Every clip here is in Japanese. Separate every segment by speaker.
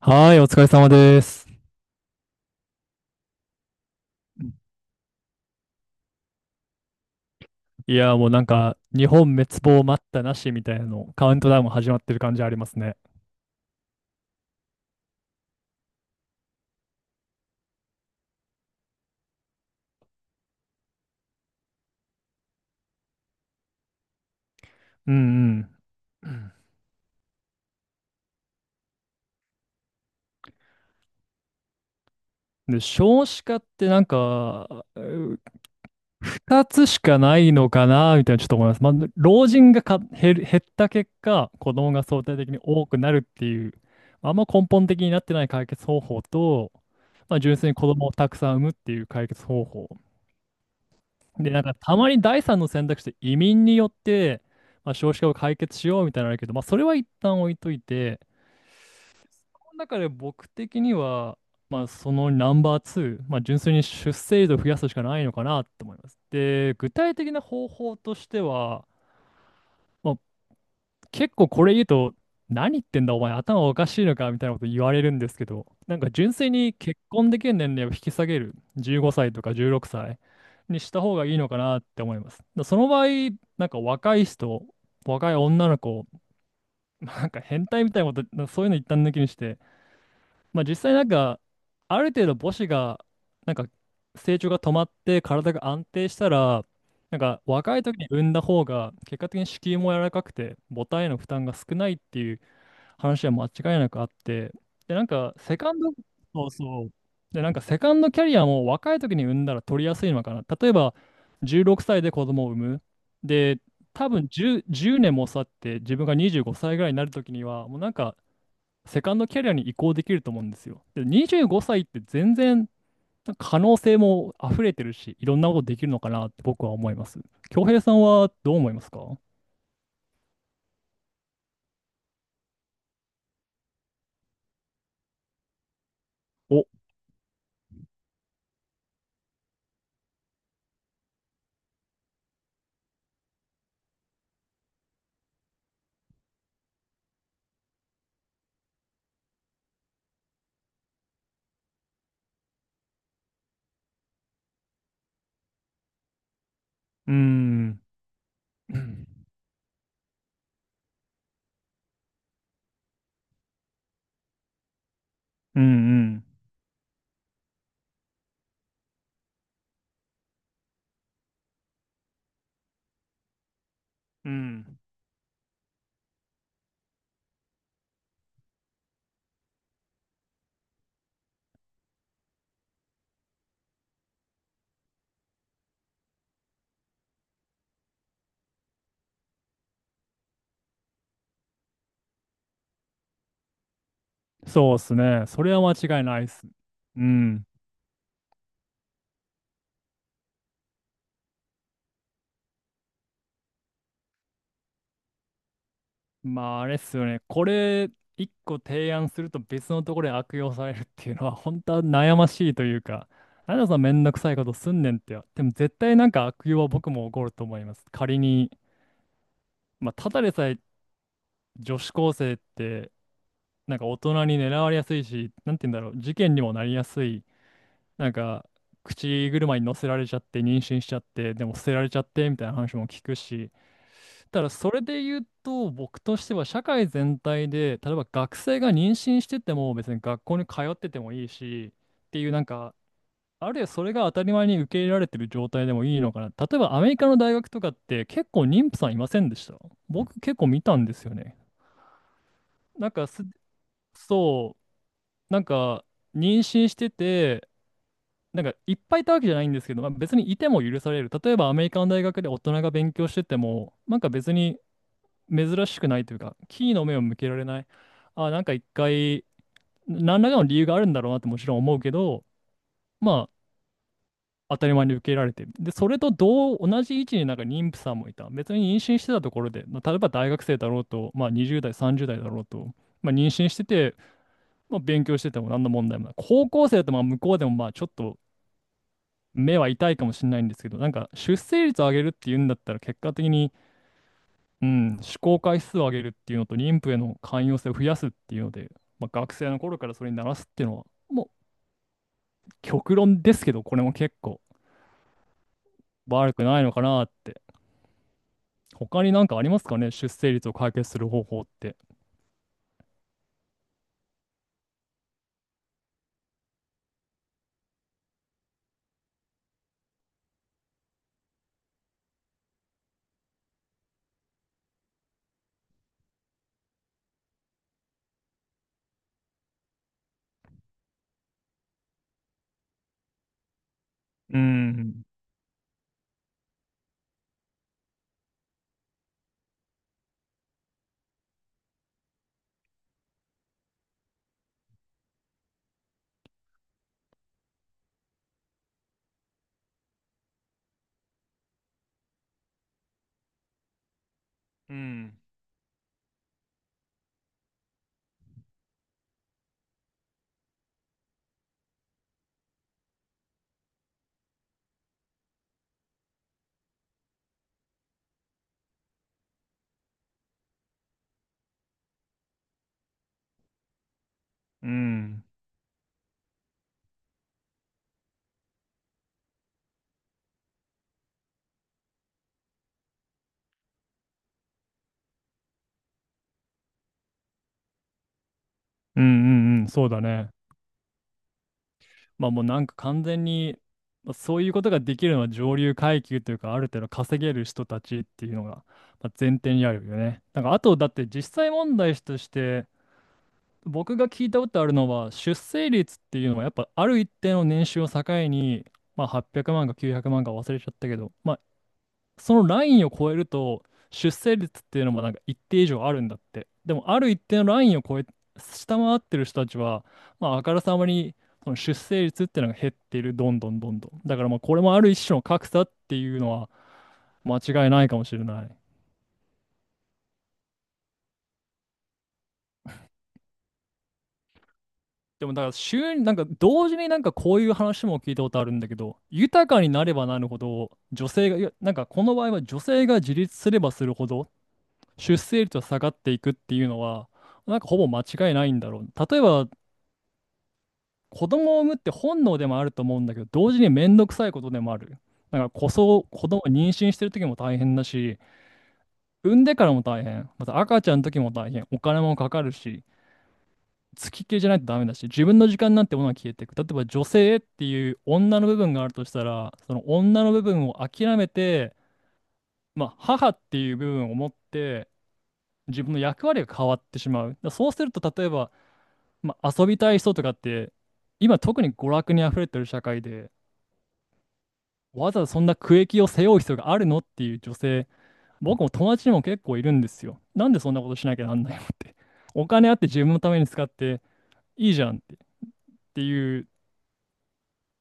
Speaker 1: はーい、お疲れ様です。いやー、もうなんか、日本滅亡待ったなしみたいなの、カウントダウン始まってる感じありますね。うんうん。で、少子化ってなんか、二つしかないのかなみたいなちょっと思います。まあ、老人がか減る、減った結果、子供が相対的に多くなるっていう、まあんま根本的になってない解決方法と、まあ、純粋に子供をたくさん産むっていう解決方法。で、なんかたまに第三の選択肢で移民によって、まあ、少子化を解決しようみたいなのあるけど、まあ、それは一旦置いといて、この中で僕的には、まあ、そのナンバー2、まあ、純粋に出生率を増やすしかないのかなと思います。で、具体的な方法としては、まあ、結構これ言うと、何言ってんだお前頭おかしいのかみたいなこと言われるんですけど、なんか純粋に結婚できる年齢を引き下げる、15歳とか16歳にした方がいいのかなって思います。だその場合、なんか若い人、若い女の子、なんか変態みたいなこと、そういうの一旦抜きにして、まあ実際なんか、ある程度母子が、なんか成長が止まって体が安定したら、なんか若い時に産んだ方が結果的に子宮も柔らかくて母体への負担が少ないっていう話は間違いなくあって、で、なんか、セカンド、そうそう。で、なんか、セカンドキャリアも若い時に産んだら取りやすいのかな。例えば、16歳で子供を産む。で、多分10、年も経って、自分が25歳ぐらいになる時には、もうなんか、セカンドキャリアに移行できると思うんですよ。で、25歳って全然、なんか可能性も溢れてるし、いろんなことできるのかなって僕は思います。恭平さんはどう思いますか？お、うーん。うんうん。うん。そうっすね。それは間違いないっす。うん。まあ、あれっすよね。これ、一個提案すると別のところで悪用されるっていうのは、本当は悩ましいというか、なんでそんなめんどくさいことすんねんってでも絶対なんか悪用は僕も起こると思います。仮に、まあ、ただでさえ女子高生って、なんか大人に狙われやすいし、なんて言うんだろう、事件にもなりやすい、なんか、口車に乗せられちゃって、妊娠しちゃって、でも捨てられちゃって、みたいな話も聞くし、ただそれで言うと僕としては社会全体で、例えば学生が妊娠してても別に学校に通っててもいいし、っていうなんか、あるいはそれが当たり前に受け入れられてる状態でもいいのかな。例えばアメリカの大学とかって、結構妊婦さんいませんでした？僕結構見たんですよね。なんか、そう、なんか妊娠してて、なんかいっぱいいたわけじゃないんですけど、まあ、別にいても許される。例えばアメリカの大学で大人が勉強しててもなんか別に珍しくないというか、キーの目を向けられない。あ、なんか一回、何らかの理由があるんだろうなってもちろん思うけど、まあ、当たり前に受け入れられてる。で、それと同じ位置になんか妊婦さんもいた。別に妊娠してたところで、まあ例えば大学生だろうと、まあ20代、30代だろうと、まあ妊娠してて、まあ勉強してても何の問題もない。高校生だとまあ向こうでもまあちょっと目は痛いかもしれないんですけど、なんか出生率を上げるっていうんだったら結果的に、うん、試行回数を上げるっていうのと妊婦への寛容性を増やすっていうので、まあ、学生の頃からそれに慣らすっていうのはもう極論ですけど、これも結構悪くないのかなって。他になんかありますかね、出生率を解決する方法って。うん、うん、うん、うん、うん、うん、そうだね。まあもうなんか完全に、まあ、そういうことができるのは上流階級というかある程度稼げる人たちっていうのが、まあ、前提にあるよね。なんかあとだって実際問題として、僕が聞いたことあるのは、出生率っていうのはやっぱある一定の年収を境に、まあ、800万か900万か忘れちゃったけど、まあ、そのラインを超えると、出生率っていうのもなんか一定以上あるんだって。でも、ある一定のラインを超え、下回ってる人たちは、まあ、あからさまに、その出生率っていうのが減っている、どんどんどんどん。だから、まあ、これもある一種の格差っていうのは、間違いないかもしれない。でもだから週になんか同時になんかこういう話も聞いたことあるんだけど、豊かになればなるほど女性が、いやなんかこの場合は女性が自立すればするほど出生率は下がっていくっていうのは、なんかほぼ間違いないんだろう。例えば、子供を産むって本能でもあると思うんだけど、同時にめんどくさいことでもある。なんかこそ、子供を妊娠してる時も大変だし、産んでからも大変、また赤ちゃんの時も大変、お金もかかるし、付きっきりじゃないとダメだし、自分の時間なんてものは消えていく。例えば女性っていう女の部分があるとしたら、その女の部分を諦めて、まあ、母っていう部分を持って、自分の役割が変わってしまう。だからそうすると、例えば、まあ、遊びたい人とかって、今特に娯楽に溢れてる社会で、わざわざそんな苦役を背負う必要があるのっていう女性、僕も友達にも結構いるんですよ。なんでそんなことしなきゃなんないのって。お金あって自分のために使っていいじゃんって、っていう、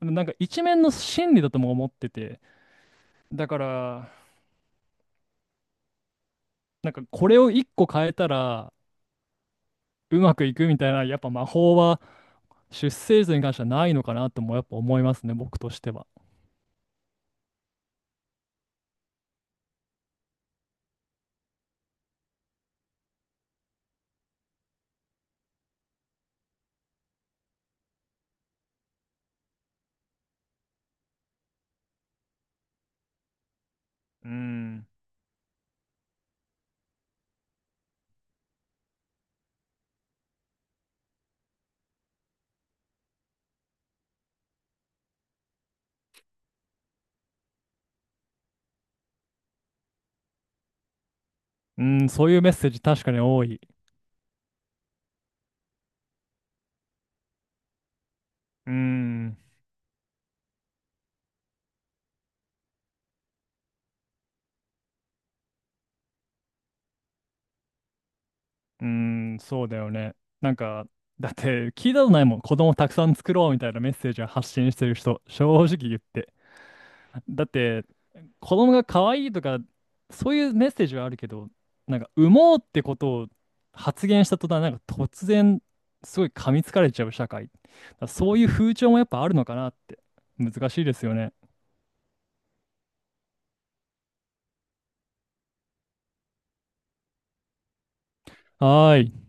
Speaker 1: なんか一面の真理だとも思ってて、だから、なんかこれを一個変えたらうまくいくみたいな、やっぱ魔法は出生図に関してはないのかなとも、やっぱ思いますね、僕としては。うん。うん、そういうメッセージ確かに多い。うーん、うーん、そうだよね。なんか、だって聞いたことないもん。子供たくさん作ろうみたいなメッセージを発信してる人、正直言って。だって、子供が可愛いとか、そういうメッセージはあるけど、なんか、産もうってことを発言した途端、なんか突然、すごい噛みつかれちゃう社会。だからそういう風潮もやっぱあるのかなって。難しいですよね。はーい。